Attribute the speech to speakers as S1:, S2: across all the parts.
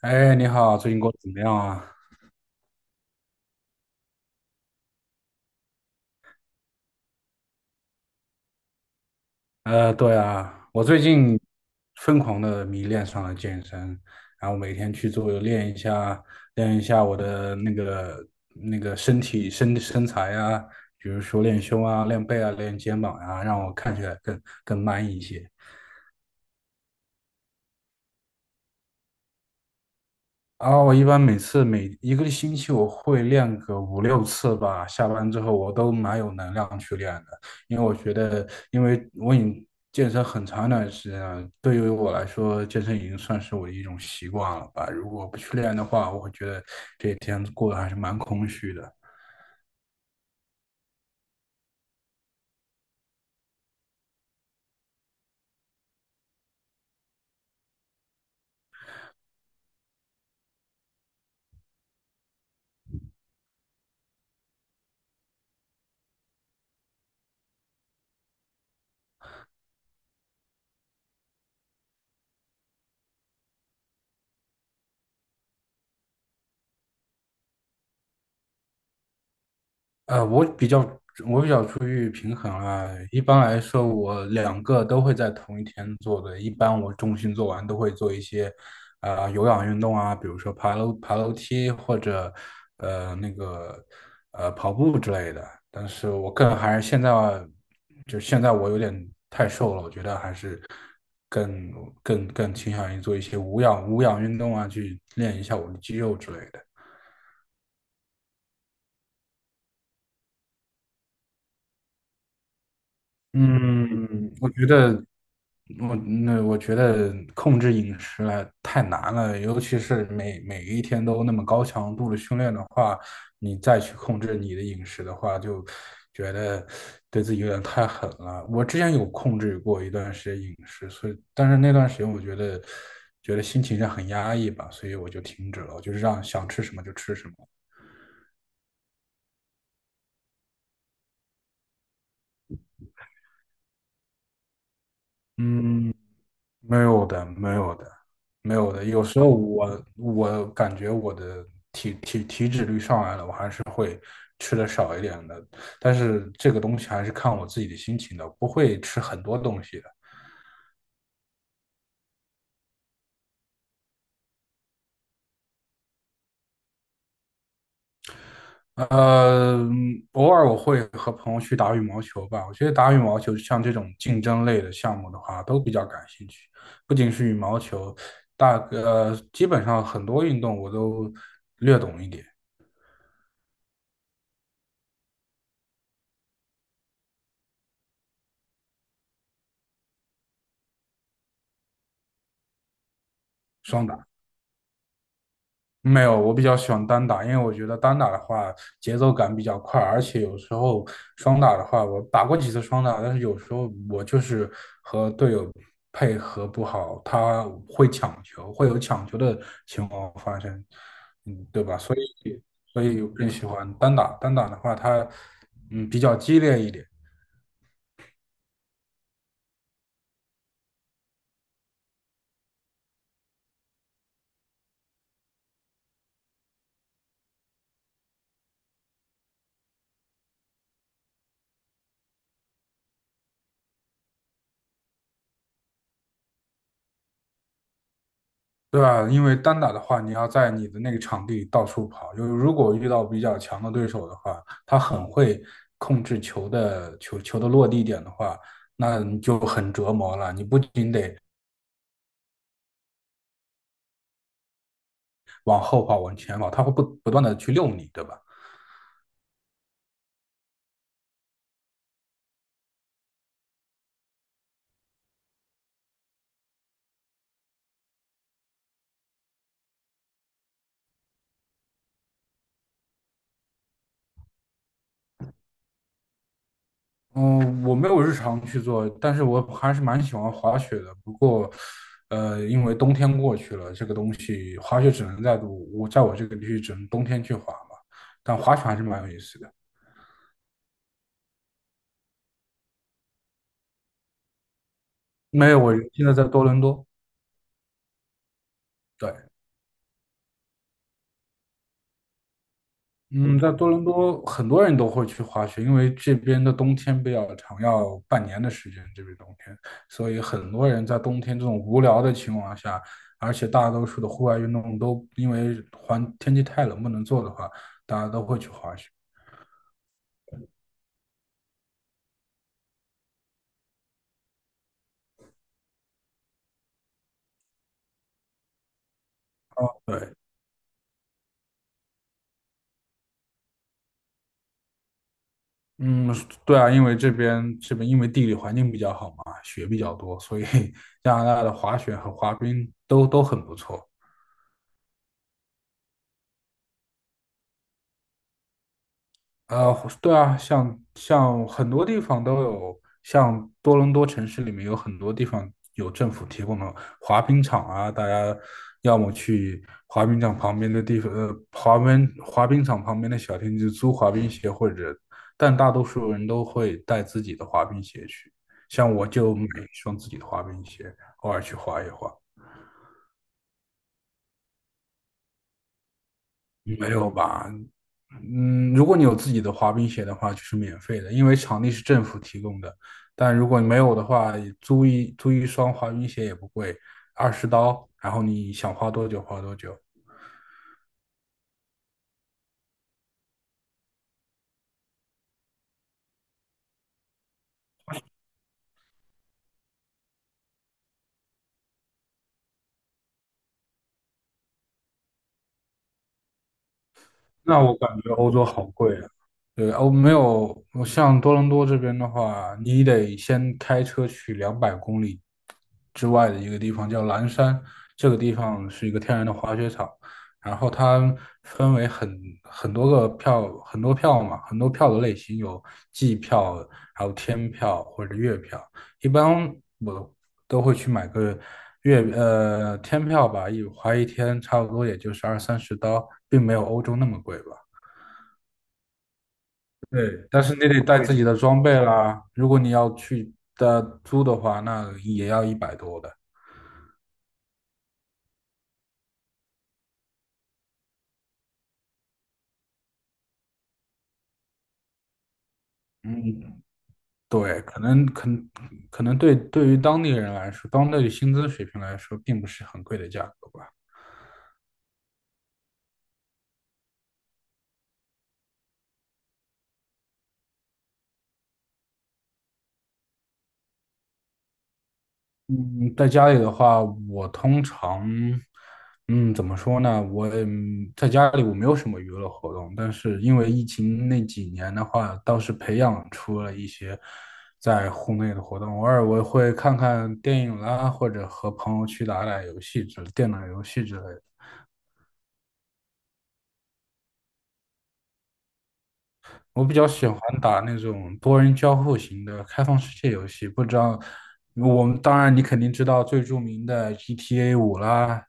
S1: 哎，你好，最近过得怎么样啊？对啊，我最近疯狂的迷恋上了健身，然后每天去练一下，练一下我的那个身体身身材啊，比如说练胸啊、练背啊、练肩膀啊，让我看起来更 man 一些。啊，我一般每一个星期我会练个五六次吧，下班之后我都蛮有能量去练的，因为我已经健身很长一段时间了，对于我来说，健身已经算是我的一种习惯了吧。如果不去练的话，我会觉得这一天过得还是蛮空虚的。呃，我比较我比较出于平衡啊，一般来说我两个都会在同一天做的，一般我重心做完都会做一些，有氧运动啊，比如说爬楼梯或者呃那个跑步之类的。但是我更还是现在就现在我有点太瘦了，我觉得还是更更倾向于做一些无氧运动啊，去练一下我的肌肉之类的。嗯，我觉得我觉得控制饮食来太难了，尤其是每一天都那么高强度的训练的话，你再去控制你的饮食的话，就觉得对自己有点太狠了。我之前有控制过一段时间饮食，所以但是那段时间我觉得觉得心情上很压抑吧，所以我就停止了，我就是让想吃什么就吃什么。嗯，没有的，没有的，没有的。有时候我感觉我的体脂率上来了，我还是会吃的少一点的。但是这个东西还是看我自己的心情的，不会吃很多东西的。呃，偶尔我会和朋友去打羽毛球吧。我觉得打羽毛球像这种竞争类的项目的话，都比较感兴趣。不仅是羽毛球，基本上很多运动我都略懂一点，双打。没有，我比较喜欢单打，因为我觉得单打的话节奏感比较快，而且有时候双打的话，我打过几次双打，但是有时候我就是和队友配合不好，他会抢球，会有抢球的情况发生，嗯，对吧？所以我更喜欢单打。单打的话，它比较激烈一点。对吧？因为单打的话，你要在你的那个场地到处跑。就是如果遇到比较强的对手的话，他很会控制球的落地点的话，那你就很折磨了。你不仅得往后跑，往前跑，他会不断的去遛你，对吧？嗯，我没有日常去做，但是我还是蛮喜欢滑雪的。不过，因为冬天过去了，这个东西滑雪只能在我这个地区只能冬天去滑嘛。但滑雪还是蛮有意思的。没有，我现在在多伦多。对，嗯，在多伦多很多人都会去滑雪，因为这边的冬天比较长，要半年的时间，这边冬天，所以很多人在冬天这种无聊的情况下，而且大多数的户外运动都因为环天气太冷不能做的话，大家都会去滑雪。对，嗯，对啊，因为这边因为地理环境比较好嘛，雪比较多，所以 加拿大的滑雪和滑冰都很不错。呃，对啊，像很多地方都有，像多伦多城市里面有很多地方有政府提供的滑冰场啊，大家要么去滑冰场旁边的地方，滑冰场旁边的小店去租滑冰鞋，或者，但大多数人都会带自己的滑冰鞋去，像我就买一双自己的滑冰鞋，偶尔去滑一滑。没有吧？如果你有自己的滑冰鞋的话，就是免费的，因为场地是政府提供的。但如果你没有的话，租一双滑冰鞋也不贵，20刀，然后你想花多久花多久。那我感觉欧洲好贵啊。对，没有，我像多伦多这边的话，你得先开车去200公里之外的一个地方，叫蓝山。这个地方是一个天然的滑雪场，然后它分为很多个票，很多票嘛，很多票的类型有季票，还有天票或者月票。一般我都会去买个天票吧，一天差不多也就是二三十刀，并没有欧洲那么贵吧。对，但是你得带自己的装备啦。如果你要租的话，那也要100多的。嗯，对，可能对于当地人来说，当地的薪资水平来说，并不是很贵的价格吧。嗯，在家里的话，我通常，嗯，怎么说呢？在家里我没有什么娱乐活动，但是因为疫情那几年的话，倒是培养出了一些在户内的活动。偶尔我会看看电影啦，或者和朋友去打打游戏之电脑游戏之类的。我比较喜欢打那种多人交互型的开放世界游戏，不知道当然你肯定知道最著名的 GTA 5啦，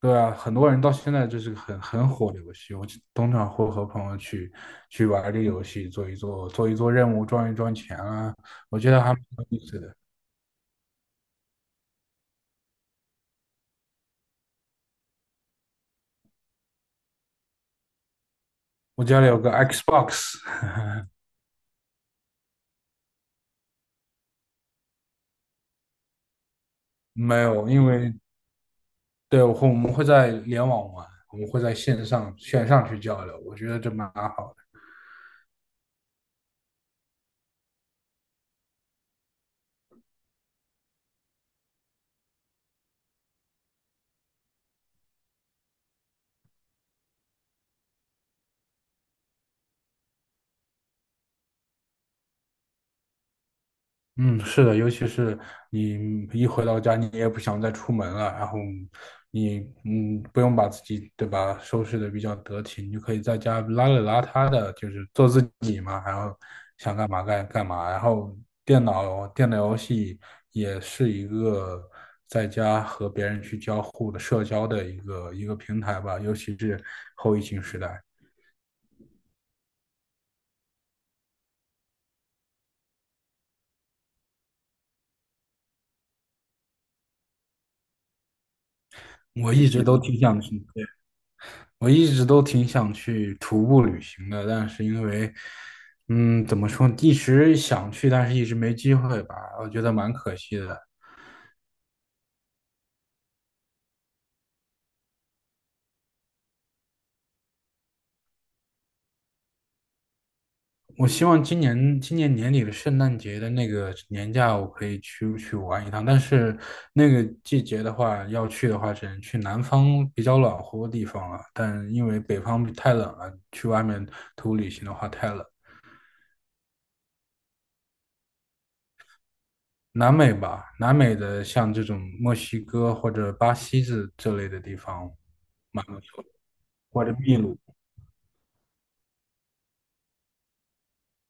S1: 对啊，很多人到现在就是个很火的游戏，我通常会和朋友去玩这个游戏，做一做任务，赚一赚钱啊，我觉得还蛮有意思的。我家里有个 Xbox，没有，因为对我们会在联网玩，我们会在线上去交流，我觉得这蛮好的。嗯，是的，尤其是你一回到家，你也不想再出门了，然后你不用把自己对吧收拾的比较得体，你就可以在家邋里邋遢的，就是做自己嘛，然后想干嘛干嘛，然后电脑游戏也是一个在家和别人去交互的社交的一个平台吧，尤其是后疫情时代，我一直都挺想去。我一直都挺想去徒步旅行的，但是因为，怎么说，一直想去，但是一直没机会吧，我觉得蛮可惜的。我希望今年年底的圣诞节的那个年假，我可以去玩一趟。但是那个季节的话，要去的话，只能去南方比较暖和的地方了。但因为北方太冷了，去外面徒步旅行的话太冷。南美吧，南美的像这种墨西哥或者巴西这类的地方。我的秘鲁。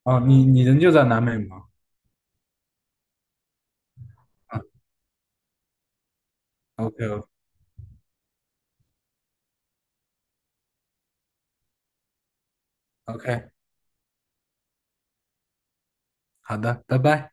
S1: 哦，你人就在南美吗？嗯，OK OK，好的，拜拜。